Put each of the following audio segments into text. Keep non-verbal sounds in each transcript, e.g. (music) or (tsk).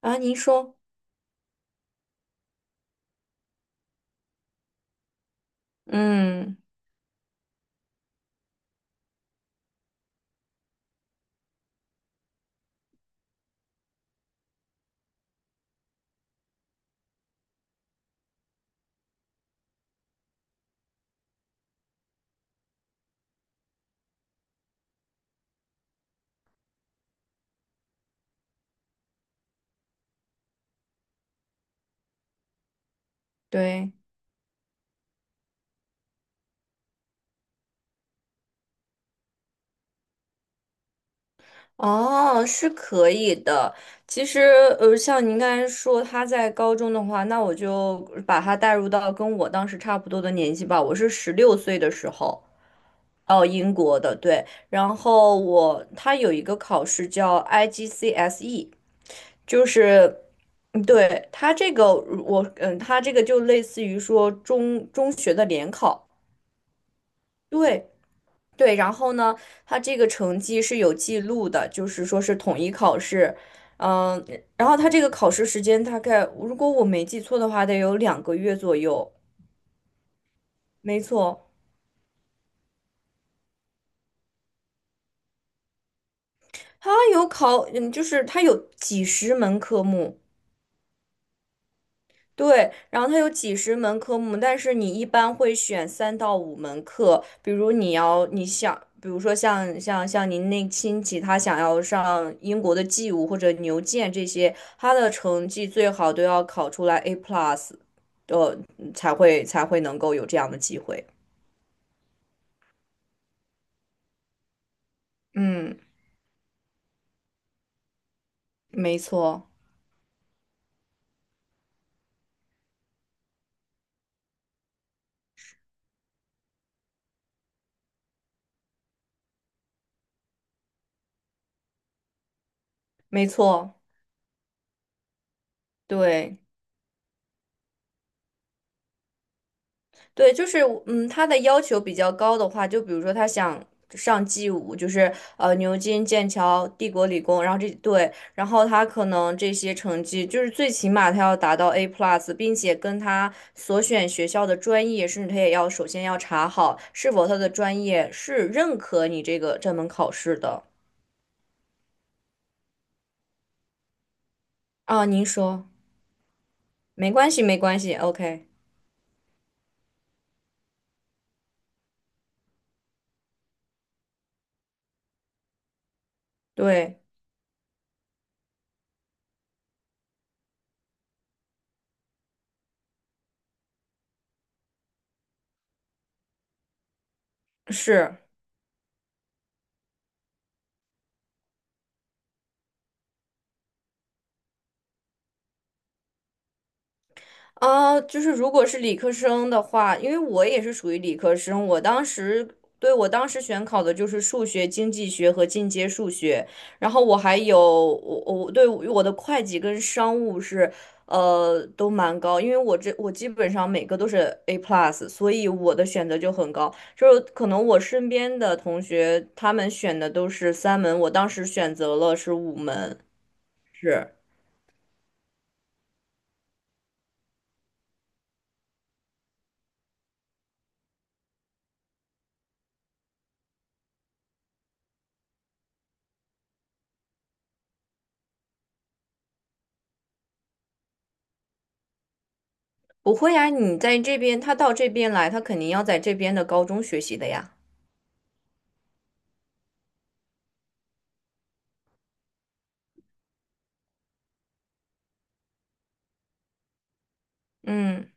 啊，您说。嗯，对。哦，是可以的。其实，像您刚才说他在高中的话，那我就把他带入到跟我当时差不多的年纪吧。我是16岁的时候，哦，英国的，对。然后他有一个考试叫 IGCSE，就是，嗯对，他这个就类似于说中学的联考。对，对。然后呢，他这个成绩是有记录的，就是说是统一考试。嗯，然后他这个考试时间大概，如果我没记错的话，得有2个月左右。没错，他有考，就是他有几十门科目。对，然后它有几十门科目，但是你一般会选3到5门课，比如你想，比如说像您那亲戚，他想要上英国的 G 舞或者牛剑这些，他的成绩最好都要考出来 A plus。呃，才会能够有这样的机会。嗯，没错，没错，对。对，就是他的要求比较高的话，就比如说他想上 G 五，就是牛津、剑桥、帝国理工，然后这对，然后他可能这些成绩就是最起码他要达到 A plus，并且跟他所选学校的专业，甚至他也要首先要查好是否他的专业是认可你这个这门考试的。啊，您说。没关系，没关系，OK。对，是。啊，就是如果是理科生的话，因为我也是属于理科生，我当时选考的就是数学、经济学和进阶数学，然后我还有我对我的会计跟商务是都蛮高，因为我基本上每个都是 A plus，所以我的选择就很高，就是可能我身边的同学他们选的都是3门，我当时选择了是五门。是。不会呀，你在这边，他到这边来，他肯定要在这边的高中学习的呀。嗯，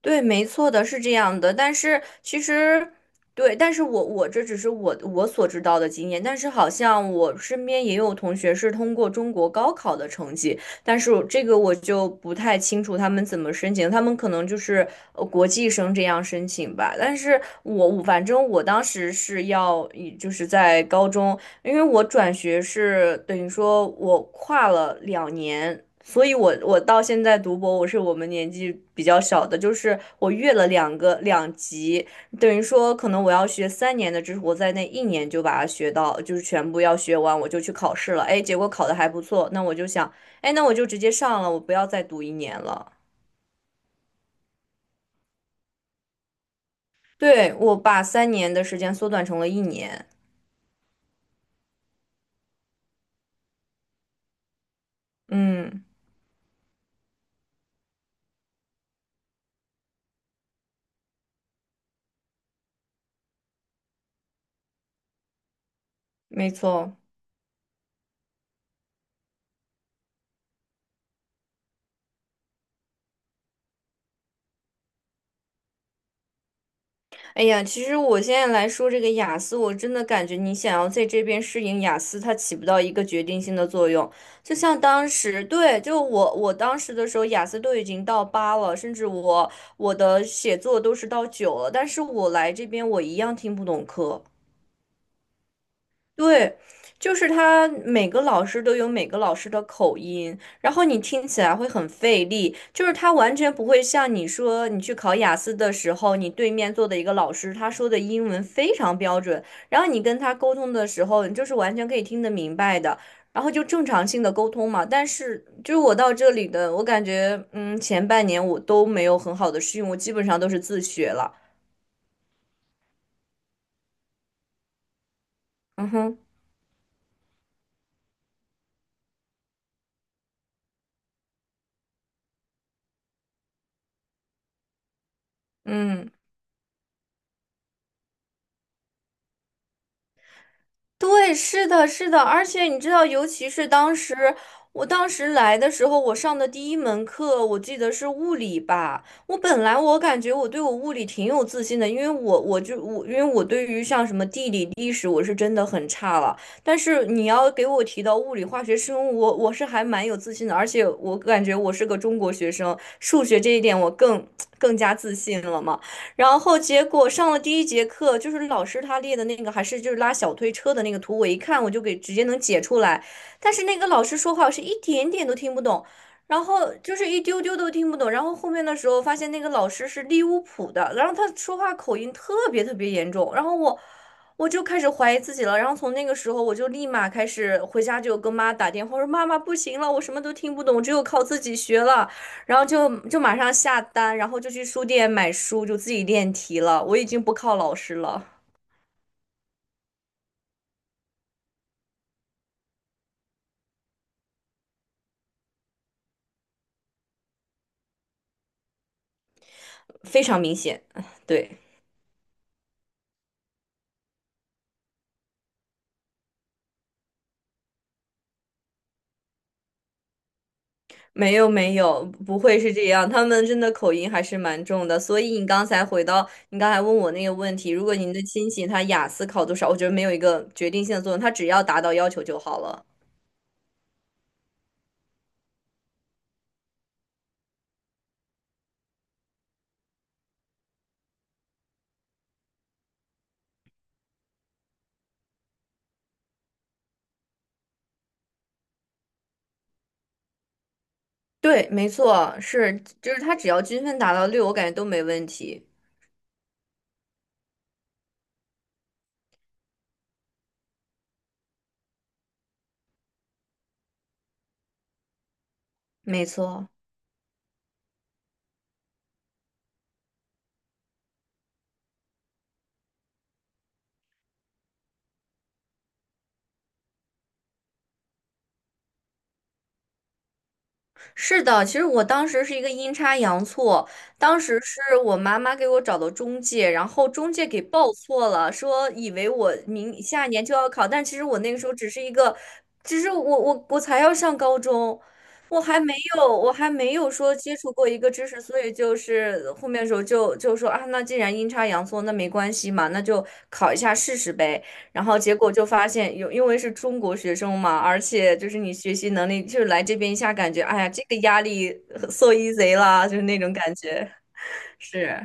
对，没错的，是这样的。但是其实，对，但是我这只是我所知道的经验。但是好像我身边也有同学是通过中国高考的成绩。但是这个我就不太清楚他们怎么申请，他们可能就是国际生这样申请吧。但是我反正我当时是要以就是在高中，因为我转学是等于说我跨了2年。所以我到现在读博，我是我们年纪比较小的，就是我越了两级，等于说可能我要学三年的知识，我在那一年就把它学到，就是全部要学完，我就去考试了。哎，结果考的还不错，那我就想，哎，那我就直接上了，我不要再读一年了。对，我把三年的时间缩短成了一年。嗯，没错。哎呀，其实我现在来说这个雅思，我真的感觉你想要在这边适应雅思，它起不到一个决定性的作用。就像当时，对，就我当时的时候，雅思都已经到8了，甚至我的写作都是到9了，但是我来这边我一样听不懂课。对，就是他每个老师都有每个老师的口音，然后你听起来会很费力。就是他完全不会像你说你去考雅思的时候，你对面坐的一个老师，他说的英文非常标准，然后你跟他沟通的时候，你就是完全可以听得明白的，然后就正常性的沟通嘛。但是就是我到这里的，我感觉前半年我都没有很好的适应，我基本上都是自学了。嗯哼。嗯。对，是的，是的，而且你知道，尤其是当时，我当时来的时候，我上的第一门课，我记得是物理吧。我本来我感觉我对我物理挺有自信的，因为我对于像什么地理、历史，我是真的很差了。但是你要给我提到物理、化学、生物，我是还蛮有自信的，而且我感觉我是个中国学生，数学这一点我(tsk) 更加自信了嘛。然后结果上了第一节课，就是老师他列的那个还是就是拉小推车的那个图，我一看我就给直接能解出来，但是那个老师说话我是一点点都听不懂。然后就是一丢丢都听不懂，然后后面的时候发现那个老师是利物浦的，然后他说话口音特别特别严重，然后我就开始怀疑自己了，然后从那个时候我就立马开始回家就跟妈打电话，我说妈妈不行了，我什么都听不懂，只有靠自己学了。然后就马上下单，然后就去书店买书，就自己练题了。我已经不靠老师了。非常明显。对，没有没有，不会是这样，他们真的口音还是蛮重的。所以你刚才回到你刚才问我那个问题，如果您的亲戚他雅思考多少，我觉得没有一个决定性的作用，他只要达到要求就好了。对，没错，是，就是他只要均分达到六，我感觉都没问题。没错。是的，其实我当时是一个阴差阳错，当时是我妈妈给我找的中介，然后中介给报错了，说以为我明下一年就要考。但其实我那个时候只是我才要上高中，我还没有说接触过一个知识，所以就是后面的时候就说啊，那既然阴差阳错，那没关系嘛，那就考一下试试呗。然后结果就发现有，因为是中国学生嘛，而且就是你学习能力，就是来这边一下感觉，哎呀，这个压力so easy 啦，就是那种感觉。是。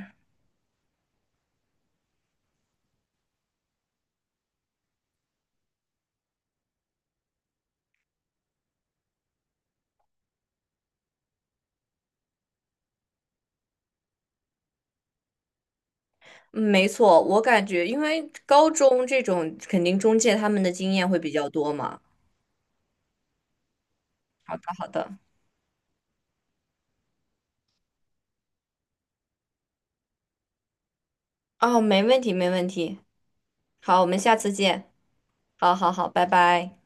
嗯没错，我感觉因为高中这种肯定中介他们的经验会比较多嘛。好的，好的。哦，没问题，没问题。好，我们下次见。好好好，拜拜。